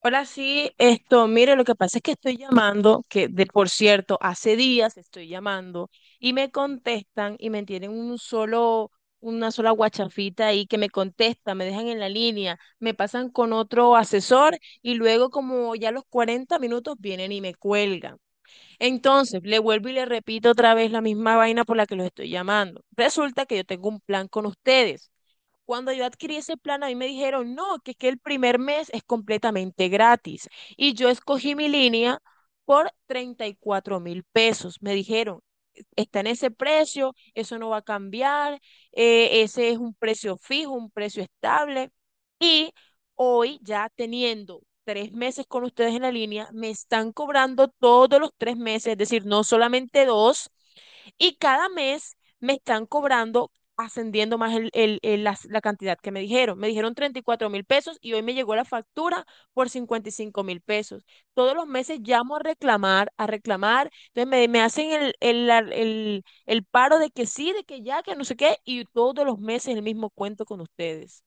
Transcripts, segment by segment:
Hola, sí, mire, lo que pasa es que estoy llamando, que de por cierto, hace días estoy llamando y me contestan y me tienen una sola guachafita ahí que me contesta, me dejan en la línea, me pasan con otro asesor y luego como ya a los 40 minutos vienen y me cuelgan. Entonces, le vuelvo y le repito otra vez la misma vaina por la que los estoy llamando. Resulta que yo tengo un plan con ustedes. Cuando yo adquirí ese plan, a mí me dijeron, no, que el primer mes es completamente gratis. Y yo escogí mi línea por 34.000 pesos. Me dijeron, está en ese precio, eso no va a cambiar, ese es un precio fijo, un precio estable. Y hoy ya teniendo 3 meses con ustedes en la línea, me están cobrando todos los 3 meses, es decir, no solamente dos, y cada mes me están cobrando ascendiendo más la cantidad que me dijeron. Me dijeron 34.000 pesos y hoy me llegó la factura por 55.000 pesos. Todos los meses llamo a reclamar, entonces me hacen el paro de que sí, de que ya, que no sé qué, y todos los meses el mismo cuento con ustedes.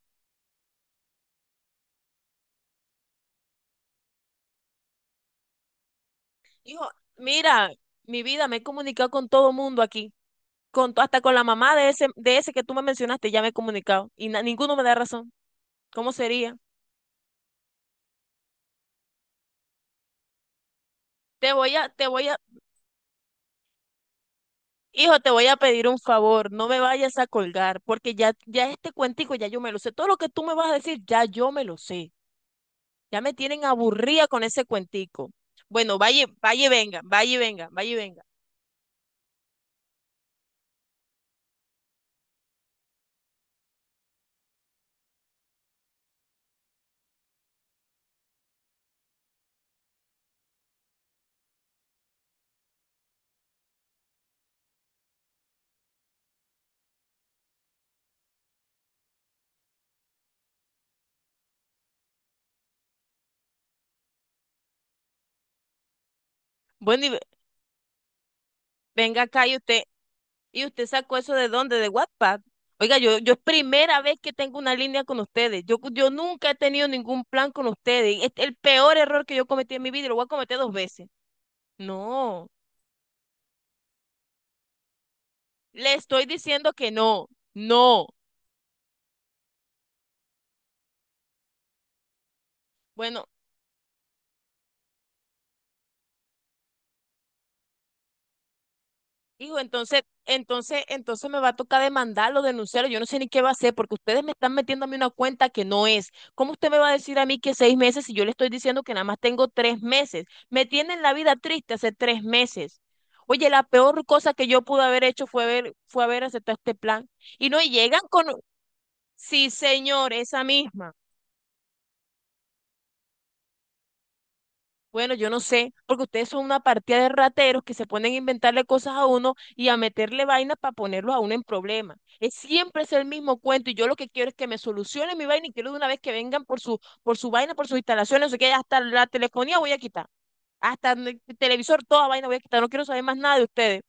Hijo, mira, mi vida, me he comunicado con todo el mundo aquí, hasta con la mamá de ese, que tú me mencionaste, ya me he comunicado, y ninguno me da razón. ¿Cómo sería? Te voy a, te voy a, hijo, te voy a pedir un favor, no me vayas a colgar, porque ya este cuentico ya yo me lo sé. Todo lo que tú me vas a decir, ya yo me lo sé. Ya me tienen aburrida con ese cuentico. Bueno, vaya y venga, vaya y venga, vaya y venga. Bueno, y venga acá y usted sacó eso de dónde, de WhatsApp. Oiga, yo es primera vez que tengo una línea con ustedes. Yo nunca he tenido ningún plan con ustedes. Es el peor error que yo cometí en mi vida y lo voy a cometer dos veces. No, le estoy diciendo que no, no. Bueno, digo, entonces me va a tocar demandarlo, denunciarlo. Yo no sé ni qué va a hacer porque ustedes me están metiendo a mí una cuenta que no es. ¿Cómo usted me va a decir a mí que 6 meses si yo le estoy diciendo que nada más tengo 3 meses? Me tienen la vida triste hace 3 meses. Oye, la peor cosa que yo pude haber hecho fue fue haber aceptado este plan. Y no y llegan con, sí, señor, esa misma. Bueno, yo no sé, porque ustedes son una partida de rateros que se ponen a inventarle cosas a uno y a meterle vainas para ponerlo a uno en problemas. Es siempre es el mismo cuento y yo lo que quiero es que me solucionen mi vaina y quiero de una vez que vengan por su, vaina, por sus instalaciones, no sé qué, hasta la telefonía voy a quitar, hasta el televisor, toda vaina voy a quitar, no quiero saber más nada de ustedes.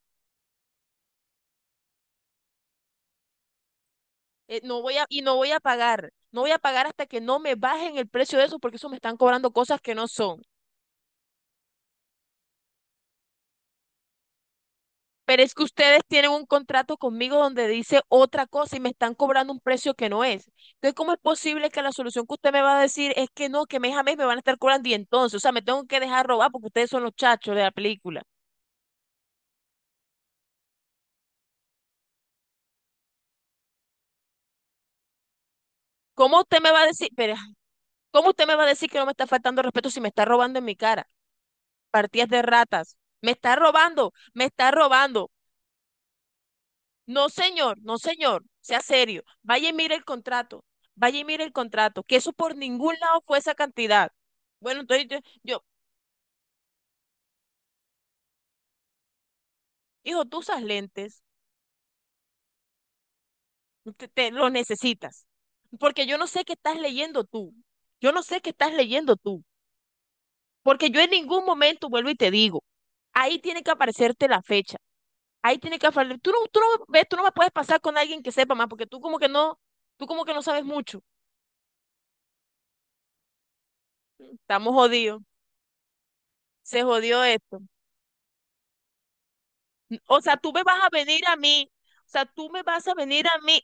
No voy a pagar hasta que no me bajen el precio de eso porque eso me están cobrando cosas que no son. Pero es que ustedes tienen un contrato conmigo donde dice otra cosa y me están cobrando un precio que no es. Entonces, ¿cómo es posible que la solución que usted me va a decir es que no, que mes a mes me van a estar cobrando y entonces, o sea, me tengo que dejar robar porque ustedes son los chachos de la película? ¿Cómo usted me va a decir, pero, cómo usted me va a decir que no me está faltando respeto si me está robando en mi cara? Partidas de ratas. Me está robando, me está robando. No, señor, no, señor, sea serio. Vaya y mire el contrato, vaya y mire el contrato, que eso por ningún lado fue esa cantidad. Bueno, entonces hijo, tú usas lentes, los necesitas, porque yo no sé qué estás leyendo tú, yo no sé qué estás leyendo tú, porque yo en ningún momento vuelvo y te digo, ahí tiene que aparecerte la fecha, ahí tiene que aparecer, tú no ves, tú no me puedes pasar con alguien que sepa más, porque tú como que no sabes mucho. Estamos jodidos, se jodió esto. O sea, tú me vas a venir a mí, o sea, tú me vas a venir a mí.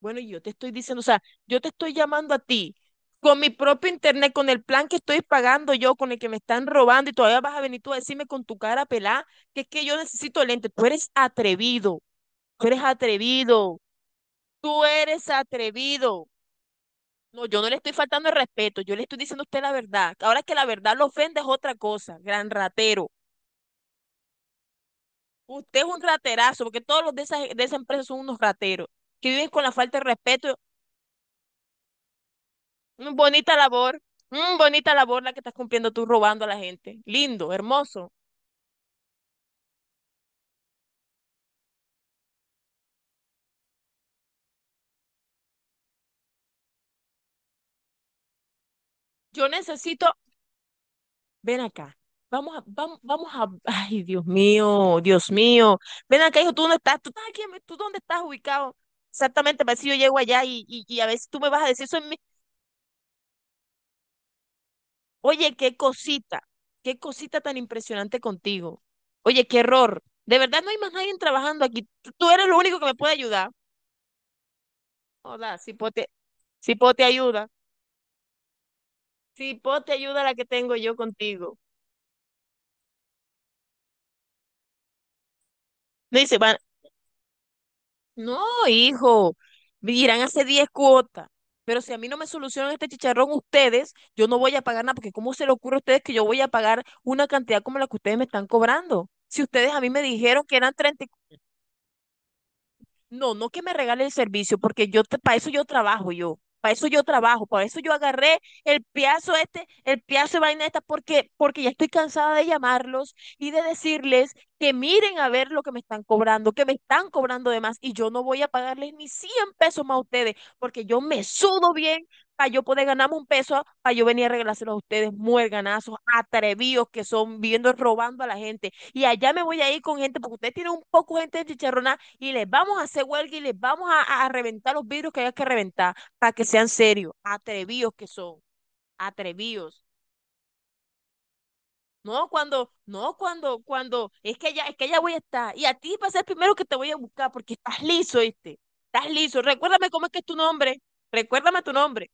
Bueno, y yo te estoy diciendo, o sea, yo te estoy llamando a ti con mi propio internet, con el plan que estoy pagando yo, con el que me están robando y todavía vas a venir tú a decirme con tu cara pelada que es que yo necesito lente. Tú eres atrevido, tú eres atrevido, tú eres atrevido. No, yo no le estoy faltando el respeto, yo le estoy diciendo a usted la verdad. Ahora que la verdad lo ofende es otra cosa, gran ratero. Usted es un raterazo, porque todos los de esa, empresa son unos rateros, que viven con la falta de respeto. Bonita labor, bonita labor la que estás cumpliendo tú robando a la gente. Lindo, hermoso. Yo necesito, Ven acá. Vamos a, vamos, vamos a, ay, Dios mío, Dios mío. Ven acá, hijo, ¿tú dónde estás? ¿Tú estás aquí? ¿Tú dónde estás ubicado? Exactamente, para ver si yo llego allá y a ver si tú me vas a decir, eso en mi. Oye, qué cosita tan impresionante contigo. Oye, qué error. De verdad no hay más nadie trabajando aquí. Tú eres lo único que me puede ayudar. Hola, si pote ayuda. Si pote ayuda la que tengo yo contigo. Me dice, van, no, hijo, irán hace 10 cuotas. Pero si a mí no me solucionan este chicharrón ustedes, yo no voy a pagar nada, porque ¿cómo se le ocurre a ustedes que yo voy a pagar una cantidad como la que ustedes me están cobrando? Si ustedes a mí me dijeron que eran 30. No, no que me regale el servicio, porque yo para eso yo trabajo yo, para eso yo trabajo, para eso yo agarré el piazo este, el piazo de vaina esta, porque ya estoy cansada de llamarlos y de decirles que miren a ver lo que me están cobrando, que me están cobrando de más, y yo no voy a pagarles ni 100 pesos más a ustedes, porque yo me sudo bien para yo poder ganarme un peso, para yo venir a regalárselo a ustedes, muerganazos, atrevidos que son, viviendo robando a la gente. Y allá me voy a ir con gente, porque ustedes tienen un poco de gente de chicharrona y les vamos a hacer huelga y les vamos a reventar los vidrios que hay que reventar para que sean serios, atrevidos que son, atrevidos. No cuando, no cuando, cuando, es que ya voy a estar. Y a ti va a ser el primero que te voy a buscar porque estás liso, ¿viste? Estás liso. Recuérdame cómo es que es tu nombre. Recuérdame tu nombre.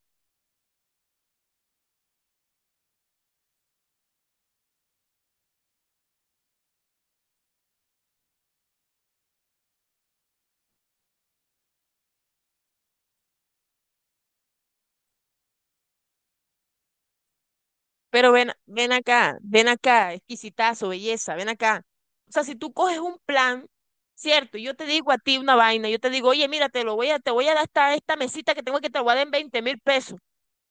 Pero ven acá, exquisitazo, belleza, ven acá. O sea, si tú coges un plan, cierto, y yo te digo a ti una vaina, yo te digo, oye, mira, te voy a dar esta mesita que tengo que te lo voy a dar en 20.000 pesos.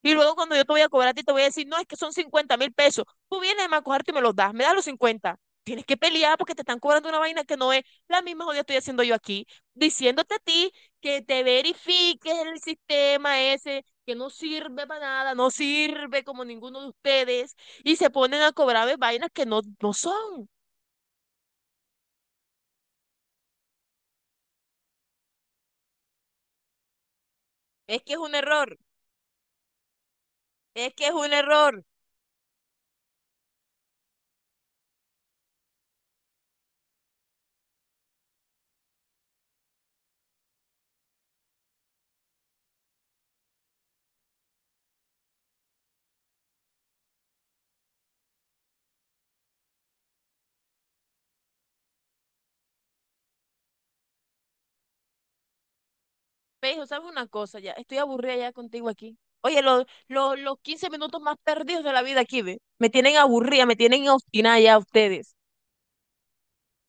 Y luego cuando yo te voy a cobrar a ti, te voy a decir, no, es que son 50.000 pesos. Tú vienes a cogerte y me los das, me das los 50. Tienes que pelear porque te están cobrando una vaina que no es la misma jodida estoy haciendo yo aquí, diciéndote a ti que te verifiques el sistema ese, que no sirve para nada, no sirve como ninguno de ustedes, y se ponen a cobrarme vainas que no, no son. Es que es un error, es que es un error. Me dijo, ¿sabes una cosa ya? Estoy aburrida ya contigo aquí. Oye, los 15 minutos más perdidos de la vida aquí, ¿ve? Me tienen aburrida, me tienen obstinada ya ustedes.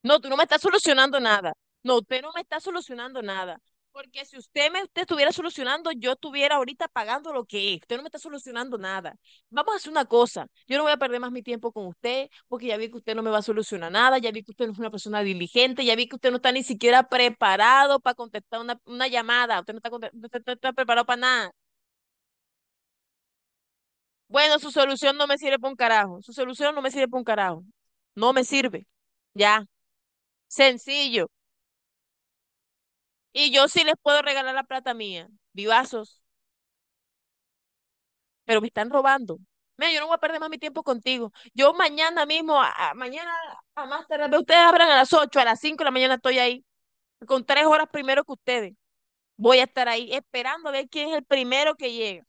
No, tú no me estás solucionando nada. No, usted no me está solucionando nada. Porque si usted estuviera solucionando, yo estuviera ahorita pagando lo que es. Usted no me está solucionando nada. Vamos a hacer una cosa. Yo no voy a perder más mi tiempo con usted, porque ya vi que usted no me va a solucionar nada, ya vi que usted no es una persona diligente, ya vi que usted no está ni siquiera preparado para contestar una llamada. Usted no está preparado para nada. Bueno, su solución no me sirve para un carajo. Su solución no me sirve para un carajo. No me sirve. Ya. Sencillo. Y yo sí les puedo regalar la plata mía, vivazos, pero me están robando. Mira, yo no voy a perder más mi tiempo contigo. Yo mañana mismo, mañana a más tarde, ustedes abran a las 8 a las 5 de la mañana estoy ahí, con 3 horas primero que ustedes. Voy a estar ahí esperando a ver quién es el primero que llega.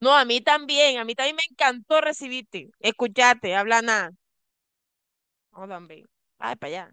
No, a mí también me encantó recibirte, escucharte, hablar nada. No, también. Ay, para allá.